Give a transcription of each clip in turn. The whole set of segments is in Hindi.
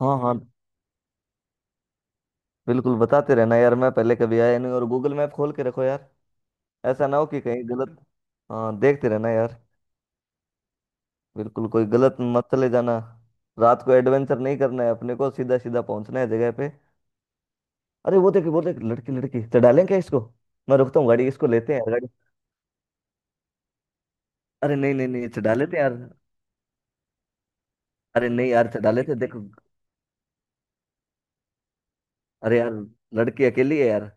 हाँ हाँ। बिल्कुल बताते रहना यार, मैं पहले कभी आया नहीं। और गूगल मैप खोल के रखो यार, ऐसा ना हो कि कहीं गलत। हाँ देखते रहना यार। बिल्कुल, कोई गलत मत चले जाना। रात को एडवेंचर नहीं करना है, अपने को सीधा सीधा पहुंचना है जगह पे। अरे वो देख, लड़की लड़की, चढ़ा लें क्या इसको? मैं रुकता हूँ गाड़ी, इसको लेते हैं यार, गाड़ी। अरे नहीं नहीं नहीं, चढ़ा लेते हैं यार। अरे नहीं यार चढ़ा लेते हैं, देखो। अरे यार, लड़की अकेली है यार।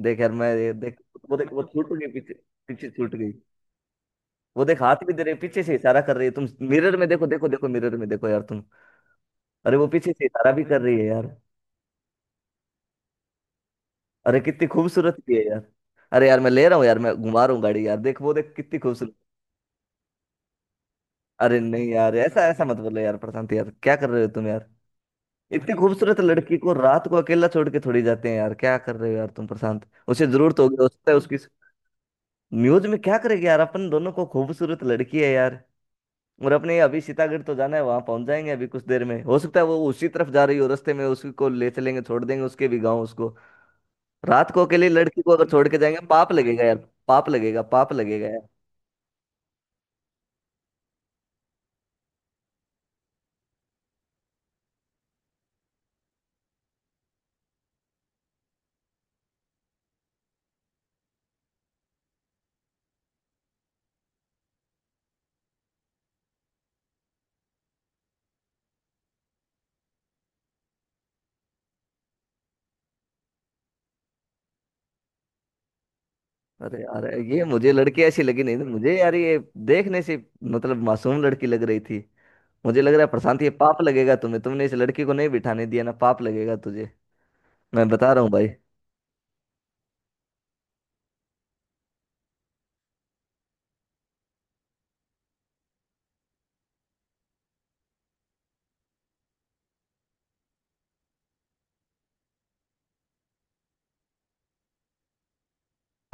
देख यार, मैं ये देख। वो देख, वो छूट गई पीछे, पीछे छूट गई। वो देख, हाथ भी दे रही है, पीछे से इशारा कर रही है तुम। मिरर में देखो, देखो, देखो, मिरर में देखो यार तुम। अरे वो पीछे से इशारा भी कर रही है यार। अरे कितनी खूबसूरत भी है यार। अरे यार मैं ले रहा हूँ यार, मैं घुमा रहा हूँ गाड़ी यार, देख वो देख कितनी खूबसूरत। अरे नहीं यार, ऐसा ऐसा मत बोलो यार प्रशांत, यार क्या कर रहे हो तुम यार। इतनी खूबसूरत लड़की को रात को अकेला छोड़ के थोड़ी जाते हैं यार, क्या कर रहे हो यार तुम प्रशांत। उसे जरूरत होगी, हो सकता है उसकी। म्यूज में क्या करेगी यार, अपन दोनों को, खूबसूरत लड़की है यार। और अपने अभी सीतागढ़ तो जाना है, वहां पहुंच जाएंगे अभी कुछ देर में। हो सकता है वो उसी तरफ जा रही हो, रास्ते में उसी को ले चलेंगे, छोड़ देंगे उसके भी गांव उसको। रात को अकेले लड़की को अगर छोड़ के जाएंगे पाप लगेगा यार। पाप लगेगा, पाप लगेगा यार। अरे यार, ये मुझे लड़की ऐसी लगी नहीं मुझे यार ये, देखने से। मतलब मासूम लड़की लग रही थी। मुझे लग रहा है प्रशांत, ये पाप लगेगा तुम्हें, तुमने इस लड़की को नहीं बिठाने दिया ना, पाप लगेगा तुझे। मैं बता रहा हूँ भाई।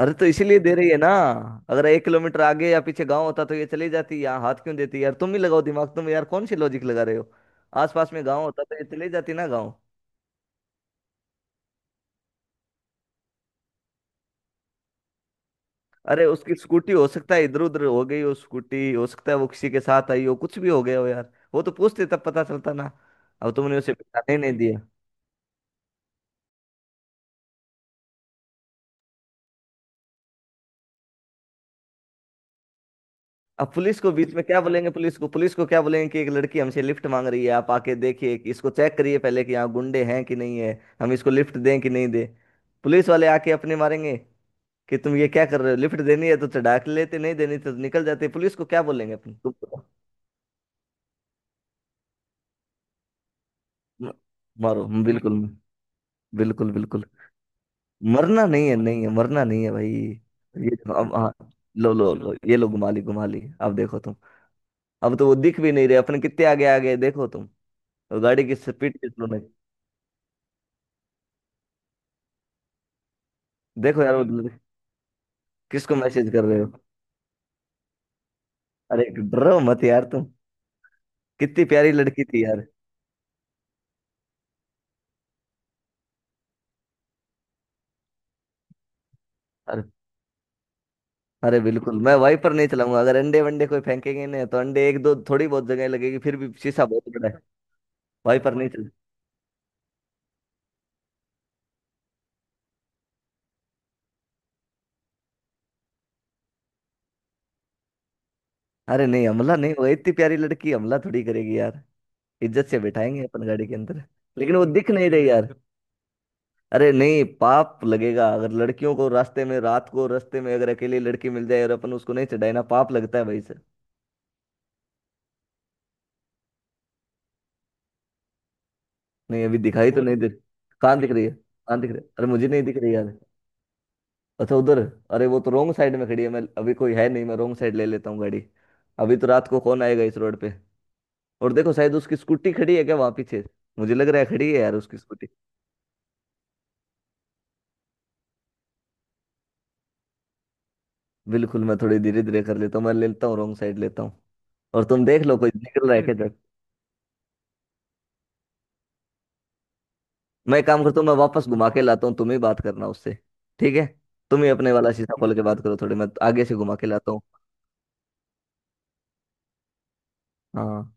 अरे तो इसीलिए दे रही है ना। अगर 1 किलोमीटर आगे या पीछे गांव होता तो ये चली जाती, यहाँ हाथ क्यों देती यार? तुम ही लगाओ दिमाग तुम यार, कौन सी लॉजिक लगा रहे हो। आसपास में गांव होता तो ये चली जाती ना गांव। अरे उसकी स्कूटी हो सकता है इधर उधर हो गई हो, स्कूटी हो सकता है वो किसी के साथ आई हो, कुछ भी हो गया हो यार, वो तो पूछते तब पता चलता ना। अब तुमने उसे पहचाने ही नहीं दिया। अब पुलिस को बीच में क्या बोलेंगे? पुलिस को क्या बोलेंगे कि एक लड़की हमसे लिफ्ट मांग रही है, आप आके देखिए, कि इसको चेक करिए पहले कि यहाँ गुंडे हैं कि नहीं है, हम इसको लिफ्ट दें कि नहीं दें? पुलिस वाले आके अपने मारेंगे कि तुम ये क्या कर रहे हो, लिफ्ट देनी है तो चढ़ा के लेते, नहीं देनी तो निकल जाते, पुलिस को क्या बोलेंगे अपन तुम। मारो। बिल्कुल बिल्कुल बिल्कुल। मरना नहीं है, नहीं है मरना नहीं है भाई। ये तो अब, हाँ, लो लो लो, ये लो, घुमा ली घुमा ली, अब देखो तुम। अब तो वो दिख भी नहीं रहे, अपन कितने आगे आ गए देखो तुम। वो गाड़ी की स्पीड कितना है? देखो यार वो। किसको मैसेज कर रहे हो? अरे डरो मत यार तुम। कितनी प्यारी लड़की थी यार। अरे। अरे बिल्कुल, मैं वहीं पर नहीं चलाऊंगा। अगर अंडे वंडे कोई फेंकेंगे ना, तो अंडे एक दो थोड़ी बहुत जगह लगेगी, फिर भी शीशा बहुत बड़ा है। वहीं पर नहीं चल। अरे नहीं, हमला नहीं, वो इतनी प्यारी लड़की हमला थोड़ी करेगी यार। इज्जत से बिठाएंगे अपन गाड़ी के अंदर। लेकिन वो दिख नहीं रही यार। अरे नहीं, पाप लगेगा। अगर लड़कियों को रास्ते में, रात को रास्ते में अगर अकेली लड़की मिल जाए और अपन उसको नहीं चढ़ाए ना, पाप लगता है भाई सर। नहीं अभी दिखाई तो नहीं दे। कहाँ दिख रही है? कहाँ दिख रही है? अरे मुझे नहीं दिख रही यार। अच्छा उधर। अरे वो तो रॉन्ग साइड में खड़ी है, मैं अभी, कोई है नहीं, मैं रॉन्ग साइड ले लेता हूँ गाड़ी। अभी तो रात को कौन आएगा इस रोड पे। और देखो शायद उसकी स्कूटी खड़ी है क्या वहां पीछे? मुझे लग रहा है खड़ी है यार उसकी स्कूटी। बिल्कुल, मैं थोड़ी धीरे धीरे कर लेता हूँ, मैं लेता हूँ रॉन्ग साइड लेता हूँ। और तुम देख लो कोई निकल रहा है फिर क्या इधर। मैं एक काम करता हूँ, मैं वापस घुमा के लाता हूँ, तुम ही बात करना उससे। ठीक है। तुम ही अपने वाला शीशा खोल के बात करो थोड़ी, मैं आगे से घुमा के लाता हूँ। हाँ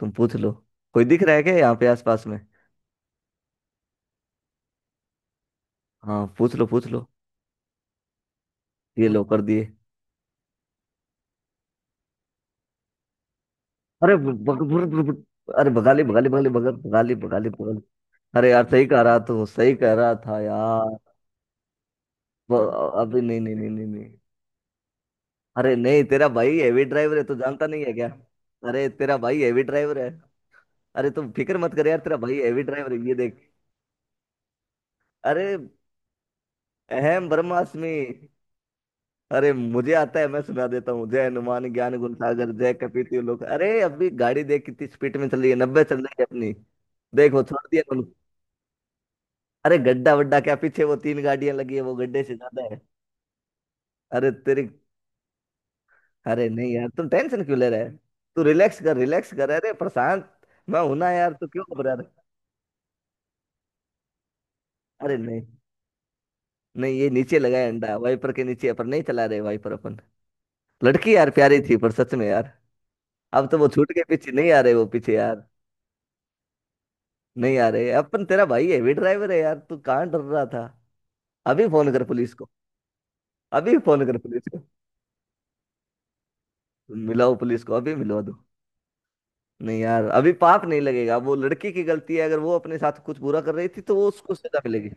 तुम पूछ लो। कोई दिख रहा है क्या यहाँ पे आसपास में? हाँ पूछ लो, पूछ लो। ये लो, कर दिए। अरे अरे बगाली बगाली बगाली बगाली बगाली बगाली। अरे यार सही कह रहा तू, सही कह रहा था यार। अभी नहीं नहीं नहीं नहीं नहीं। अरे नहीं, तेरा भाई हेवी ड्राइवर है, तू जानता नहीं है क्या? अरे तेरा भाई हेवी ड्राइवर है। अरे तू फिक्र मत कर यार, तेरा भाई हेवी ड्राइवर है, ये देख। अरे अहम ब्रह्मास्मि। अरे मुझे आता है, मैं सुना देता हूँ। जय हनुमान ज्ञान गुण सागर, जय कपीति लोक। अरे अभी गाड़ी देख कितनी स्पीड में चल रही है, 90 चल रही है अपनी। देखो छोड़ दिया। अरे गड्ढा वड्ढा क्या, पीछे वो तीन गाड़ियां लगी है, वो गड्ढे से ज्यादा है। अरे तेरी। अरे नहीं यार, तुम टेंशन क्यों ले रहे है। तू रिलैक्स कर, रिलैक्स कर, अरे प्रशांत। मैं हूं ना यार, तू क्यों घबरा रहे। अरे नहीं, नहीं, ये नीचे लगा है अंडा, वाइपर के नीचे, अपन नहीं चला रहे वाइपर अपन। लड़की यार प्यारी थी पर, सच में यार। अब तो वो छूट के पीछे नहीं आ रहे वो पीछे यार। नहीं आ रहे अपन, तेरा भाई हैवी ड्राइवर है यार, तू कहाँ डर रहा था। अभी फोन कर पुलिस को। अभी फोन कर पुलिस को, मिलाओ पुलिस को, अभी मिलवा दो। नहीं यार अभी पाप नहीं लगेगा, वो लड़की की गलती है, अगर वो अपने साथ कुछ बुरा कर रही थी तो वो उसको सजा मिलेगी।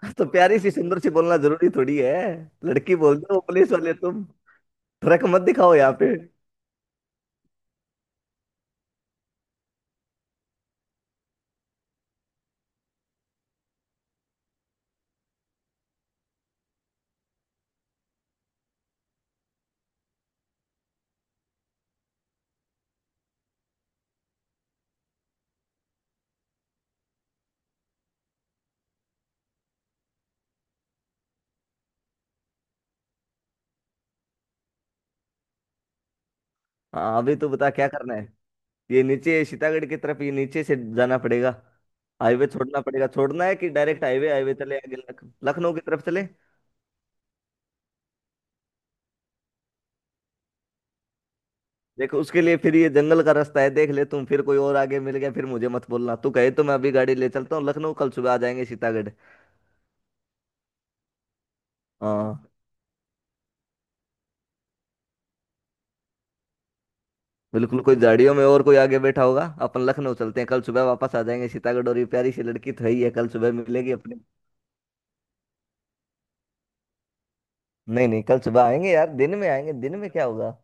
तो प्यारी सी सुंदर सी बोलना जरूरी थोड़ी है? लड़की बोल दो पुलिस वाले तुम, फर्क मत दिखाओ यहाँ पे। हाँ अभी तो बता क्या करना है। ये नीचे सीतागढ़ की तरफ, ये नीचे से जाना पड़ेगा। हाईवे छोड़ना पड़ेगा, छोड़ना है कि डायरेक्ट हाईवे, हाईवे चले आगे लखनऊ की तरफ चले। देखो उसके लिए फिर ये जंगल का रास्ता है, देख ले तुम, फिर कोई और आगे मिल गया, फिर मुझे मत बोलना। तू कहे तो मैं अभी गाड़ी ले चलता हूँ लखनऊ, कल सुबह आ जाएंगे सीतागढ़। हाँ बिल्कुल, कोई झाड़ियों में और कोई आगे बैठा होगा। अपन लखनऊ चलते हैं, कल सुबह वापस आ जाएंगे सीतागढ़, और ये प्यारी सी लड़की तो है ही है, कल सुबह मिलेगी अपने। नहीं नहीं, कल सुबह आएंगे यार, दिन में आएंगे, दिन में क्या होगा।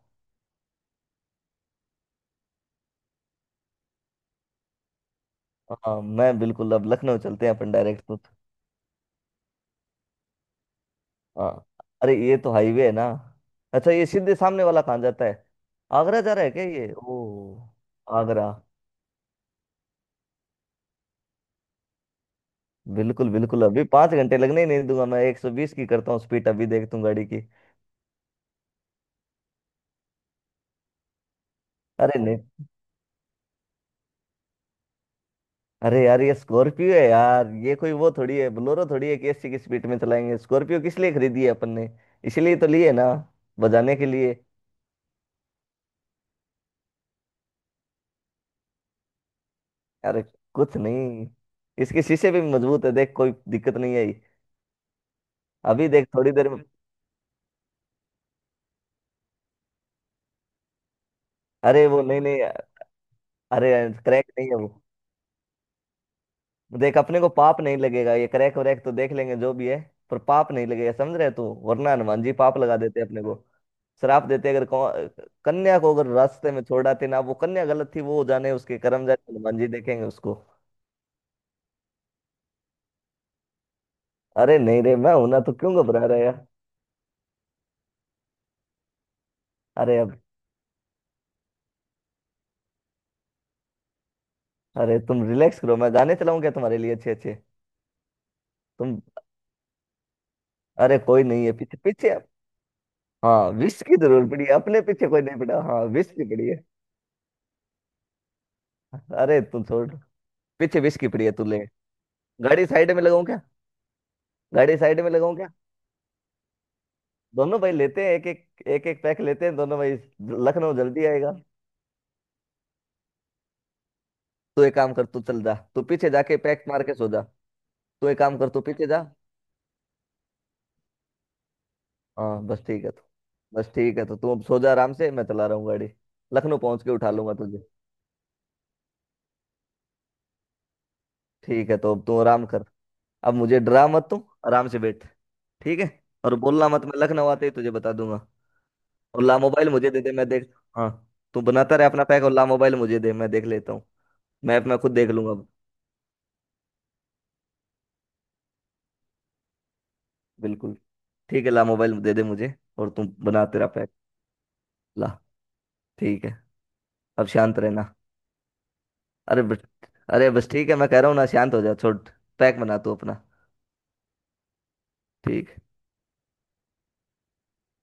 हाँ मैं बिल्कुल अब लखनऊ चलते हैं अपन डायरेक्ट तो। हाँ। अरे ये तो हाईवे है ना। अच्छा ये सीधे सामने वाला कहाँ जाता है? आगरा जा रहा है क्या ये, ओ? आगरा। बिल्कुल बिल्कुल, अभी 5 घंटे लगने ही नहीं दूंगा, मैं 120 की करता हूँ स्पीड, अभी देखता हूँ गाड़ी की। अरे नहीं, अरे यार ये स्कॉर्पियो है यार, ये कोई वो थोड़ी है, बोलेरो थोड़ी है कि एसी की स्पीड में चलाएंगे। स्कॉर्पियो किस लिए खरीदी है अपन ने, इसीलिए तो लिए ना, बजाने के लिए। अरे कुछ नहीं, इसके शीशे भी मजबूत है, देख कोई दिक्कत नहीं आई। अभी देख थोड़ी देर में। अरे वो नहीं नहीं। अरे क्रैक नहीं है वो। देख, अपने को पाप नहीं लगेगा, ये क्रैक व्रैक तो देख लेंगे जो भी है। पर पाप नहीं लगेगा, समझ रहे तू, वरना हनुमान जी पाप लगा देते अपने को। श्राप देते अगर कन्या को अगर रास्ते में छोड़ आते ना। वो कन्या गलत थी, वो जाने उसके कर्म, जाने हनुमान जी, देखेंगे उसको। अरे नहीं रे, मैं हूं ना तो क्यों घबरा रहे यार। अरे अब। अरे तुम रिलैक्स करो, मैं गाने चलाऊं क्या तुम्हारे लिए, अच्छे अच्छे। तुम। अरे कोई नहीं है पीछे पीछे। हाँ विश की जरूर पड़ी है, अपने पीछे कोई नहीं पड़ा, हाँ विश की पड़ी है। अरे तुम छोड़। पीछे विश की पड़ी है, तू ले। गाड़ी साइड में लगाऊं क्या? गाड़ी साइड में लगाऊं क्या? दोनों भाई लेते हैं, एक एक, एक एक पैक लेते हैं दोनों भाई। लखनऊ जल्दी आएगा। तू एक काम कर, तू चल जा, तू पीछे जाके पैक मार के सो जा। तू एक काम कर, तू पीछे जा। हाँ बस ठीक है तो, बस ठीक है तो तू अब सो जा आराम से, मैं चला रहा हूँ गाड़ी। लखनऊ पहुंच के उठा लूंगा तुझे। ठीक है तो अब तू आराम कर। अब मुझे डरा मत तू। आराम से बैठ। ठीक है। और बोलना मत, मैं लखनऊ आते ही तुझे बता दूंगा। और ला मोबाइल मुझे दे दे, मैं देख। हाँ, तू बनाता रहे अपना पैक, और ला मोबाइल मुझे दे, मैं देख लेता हूँ। मैप मैं खुद देख लूंगा। बिल्कुल। ठीक है, ला मोबाइल दे दे मुझे। और तू बना तेरा पैक। ला। ठीक है। अब शांत रहना। अरे बस, अरे बस ठीक है, मैं कह रहा हूँ ना, शांत हो जा छोड़। पैक बना तू अपना। ठीक।